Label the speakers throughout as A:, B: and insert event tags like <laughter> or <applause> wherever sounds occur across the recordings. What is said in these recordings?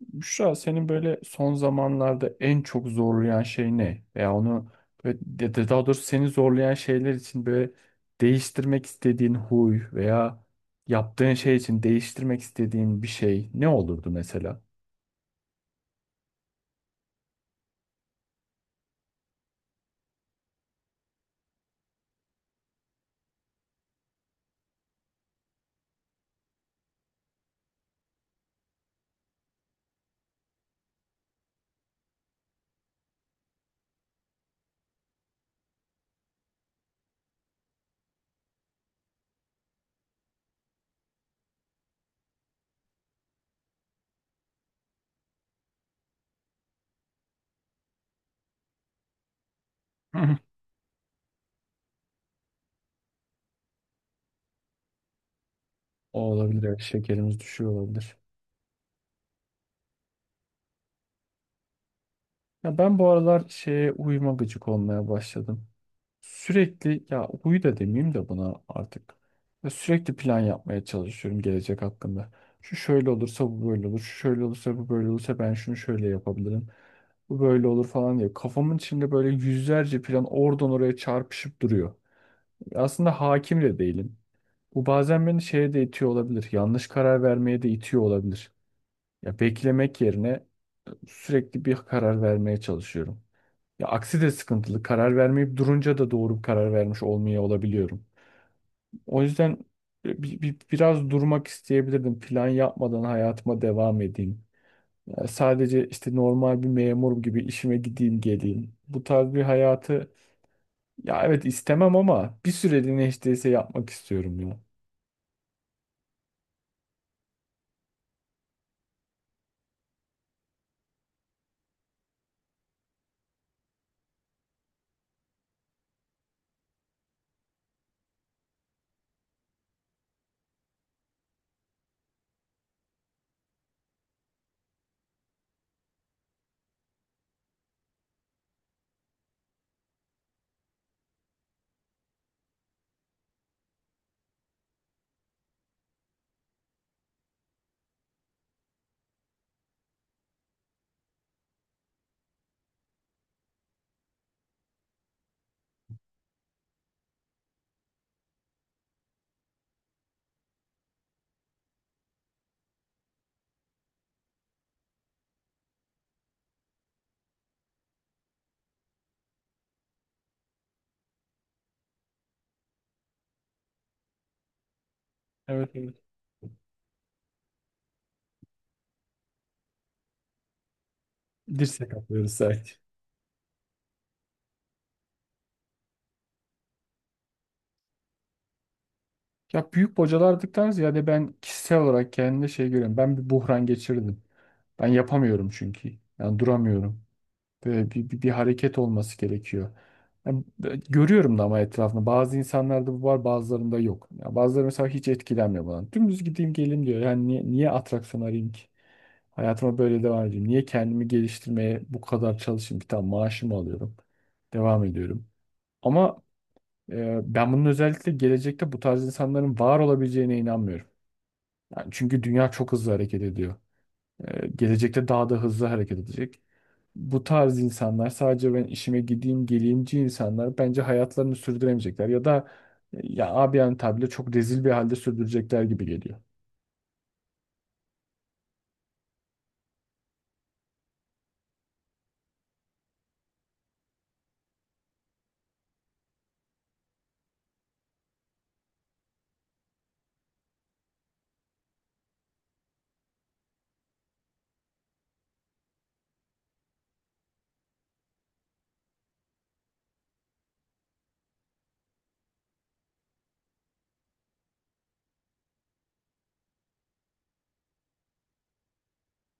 A: Büşra senin böyle son zamanlarda en çok zorlayan şey ne? Veya onu böyle, ya da daha doğrusu seni zorlayan şeyler için böyle değiştirmek istediğin huy veya yaptığın şey için değiştirmek istediğin bir şey ne olurdu mesela? <laughs> Hı. hı. O olabilir, evet, şekerimiz düşüyor olabilir. Ya ben bu aralar şeye uyuma gıcık olmaya başladım. Sürekli ya huyu da demeyeyim de buna artık. Ya sürekli plan yapmaya çalışıyorum gelecek hakkında. Şu şöyle olursa bu böyle olur. Şu şöyle olursa bu böyle olursa ben şunu şöyle yapabilirim. Bu böyle olur falan diye. Kafamın içinde böyle yüzlerce plan oradan oraya çarpışıp duruyor. Aslında hakim de değilim. Bu bazen beni şeye de itiyor olabilir. Yanlış karar vermeye de itiyor olabilir. Ya beklemek yerine sürekli bir karar vermeye çalışıyorum. Ya aksi de sıkıntılı. Karar vermeyip durunca da doğru bir karar vermiş olmaya olabiliyorum. O yüzden biraz durmak isteyebilirdim. Plan yapmadan hayatıma devam edeyim. Ya sadece işte normal bir memur gibi işime gideyim geleyim. Bu tarz bir hayatı ya evet istemem ama bir süreliğine hiç değilse yapmak istiyorum ya. Evet, evet. Dirsek atlıyoruz sanki. Ya büyük bocalardıktan ziyade ben kişisel olarak kendimde şey görüyorum. Ben bir buhran geçirdim. Ben yapamıyorum çünkü. Yani duramıyorum. Böyle bir hareket olması gerekiyor. Yani görüyorum da ama etrafında. Bazı insanlarda bu var, bazılarında yok. Yani bazıları mesela hiç etkilenmiyor bundan. Dümdüz gideyim geleyim diyor. Yani niye atraksiyon arayayım ki? Hayatıma böyle devam edeyim. Niye kendimi geliştirmeye bu kadar çalışayım? Bir tane maaşımı alıyorum. Devam ediyorum. Ama ben bunun özellikle gelecekte bu tarz insanların var olabileceğine inanmıyorum. Yani çünkü dünya çok hızlı hareket ediyor. Gelecekte daha da hızlı hareket edecek bu tarz insanlar, sadece ben işime gideyim geleyimci insanlar bence hayatlarını sürdüremeyecekler ya da ya abi yani tabirle çok rezil bir halde sürdürecekler gibi geliyor.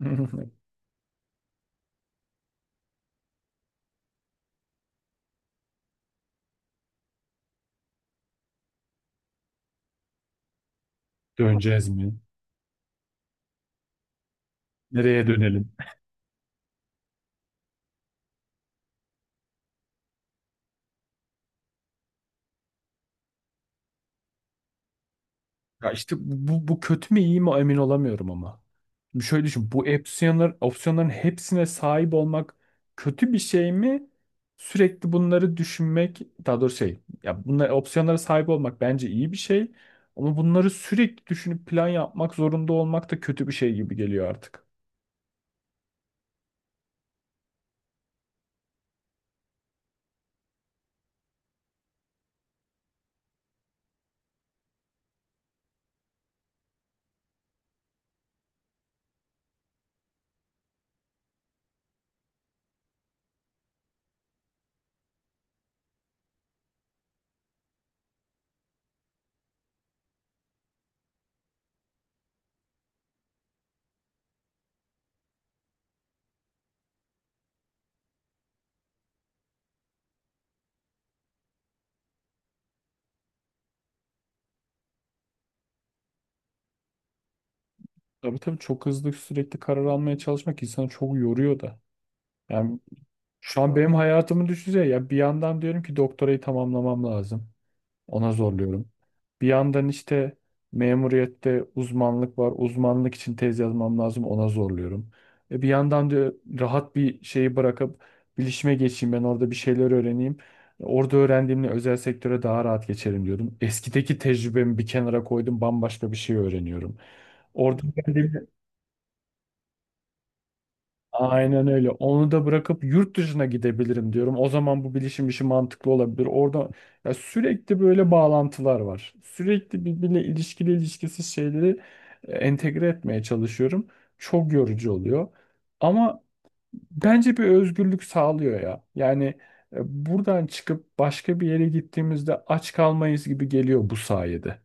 A: <laughs> Döneceğiz mi? Nereye dönelim? Ya işte bu kötü mü iyi mi emin olamıyorum ama. Şimdi şöyle düşün. Bu opsiyonlar, opsiyonların hepsine sahip olmak kötü bir şey mi? Sürekli bunları düşünmek, daha doğrusu şey, ya bunlar opsiyonlara sahip olmak bence iyi bir şey. Ama bunları sürekli düşünüp plan yapmak zorunda olmak da kötü bir şey gibi geliyor artık. Tabii, tabii çok hızlı sürekli karar almaya çalışmak insanı çok yoruyor da. Yani şu an benim hayatımı düşünsene ya, bir yandan diyorum ki doktorayı tamamlamam lazım. Ona zorluyorum. Bir yandan işte memuriyette uzmanlık var. Uzmanlık için tez yazmam lazım. Ona zorluyorum. E bir yandan da rahat bir şeyi bırakıp bilişime geçeyim. Ben orada bir şeyler öğreneyim. Orada öğrendiğimle özel sektöre daha rahat geçerim diyordum. Eskideki tecrübemi bir kenara koydum. Bambaşka bir şey öğreniyorum. Orada aynen öyle. Onu da bırakıp yurt dışına gidebilirim diyorum. O zaman bu bilişim işi mantıklı olabilir. Orada ya sürekli böyle bağlantılar var. Sürekli birbiriyle ilişkili ilişkisiz şeyleri entegre etmeye çalışıyorum. Çok yorucu oluyor. Ama bence bir özgürlük sağlıyor ya. Yani buradan çıkıp başka bir yere gittiğimizde aç kalmayız gibi geliyor bu sayede.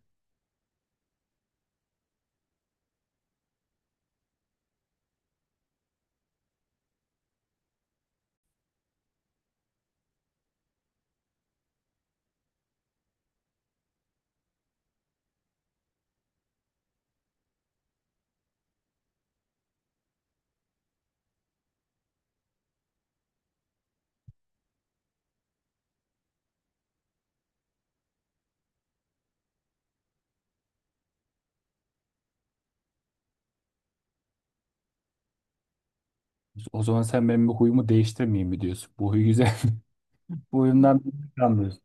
A: O zaman sen benim bu huyumu değiştirmeyeyim mi diyorsun? Bu huy güzel. <laughs> Bu huyumdan anlıyorsun.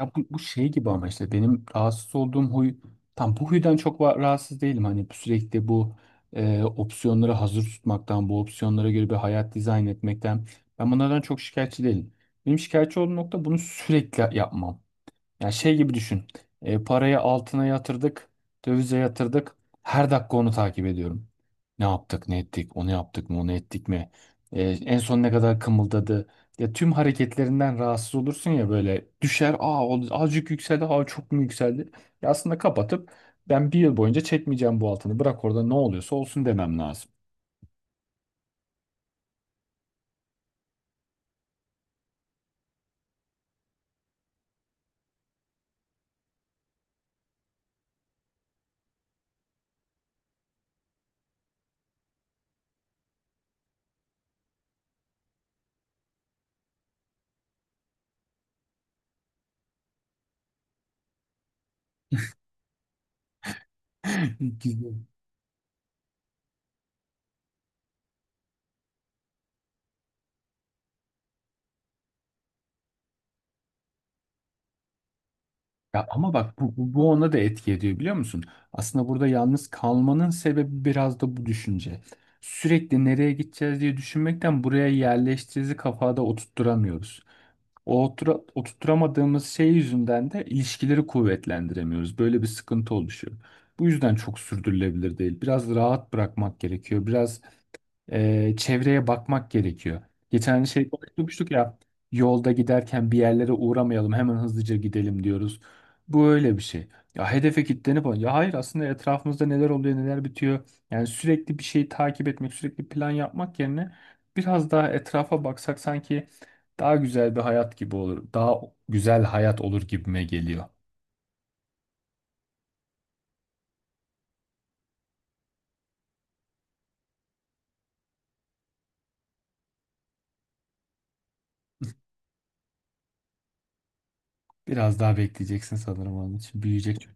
A: Ya bu, bu şey gibi ama işte benim rahatsız olduğum huy tam bu huydan çok rahatsız değilim. Hani sürekli bu opsiyonları hazır tutmaktan, bu opsiyonlara göre bir hayat dizayn etmekten ben bunlardan çok şikayetçi değilim. Benim şikayetçi olduğum nokta bunu sürekli yapmam. Yani şey gibi düşün. E, parayı altına yatırdık, dövize yatırdık. Her dakika onu takip ediyorum. Ne yaptık, ne ettik, onu yaptık mı, onu ettik mi? E, en son ne kadar kımıldadı? Ya tüm hareketlerinden rahatsız olursun ya, böyle düşer, aa o azıcık yükseldi, aa çok mu yükseldi? Ya aslında kapatıp ben bir yıl boyunca çekmeyeceğim bu altını. Bırak orada ne oluyorsa olsun demem lazım. <laughs> Güzel. Ya ama bak bu ona da etki ediyor biliyor musun? Aslında burada yalnız kalmanın sebebi biraz da bu düşünce. Sürekli nereye gideceğiz diye düşünmekten buraya yerleştiğimizi kafada oturtturamıyoruz. O oturtturamadığımız şey yüzünden de ilişkileri kuvvetlendiremiyoruz. Böyle bir sıkıntı oluşuyor. Bu yüzden çok sürdürülebilir değil. Biraz rahat bırakmak gerekiyor. Biraz çevreye bakmak gerekiyor. Geçen hani şey konuşmuştuk ya, yolda giderken bir yerlere uğramayalım hemen hızlıca gidelim diyoruz. Bu öyle bir şey. Ya hedefe kilitlenip ya hayır aslında etrafımızda neler oluyor neler bitiyor. Yani sürekli bir şeyi takip etmek sürekli plan yapmak yerine biraz daha etrafa baksak sanki daha güzel bir hayat gibi olur. Daha güzel hayat olur gibime geliyor. Biraz daha bekleyeceksin sanırım onun için. Büyüyecek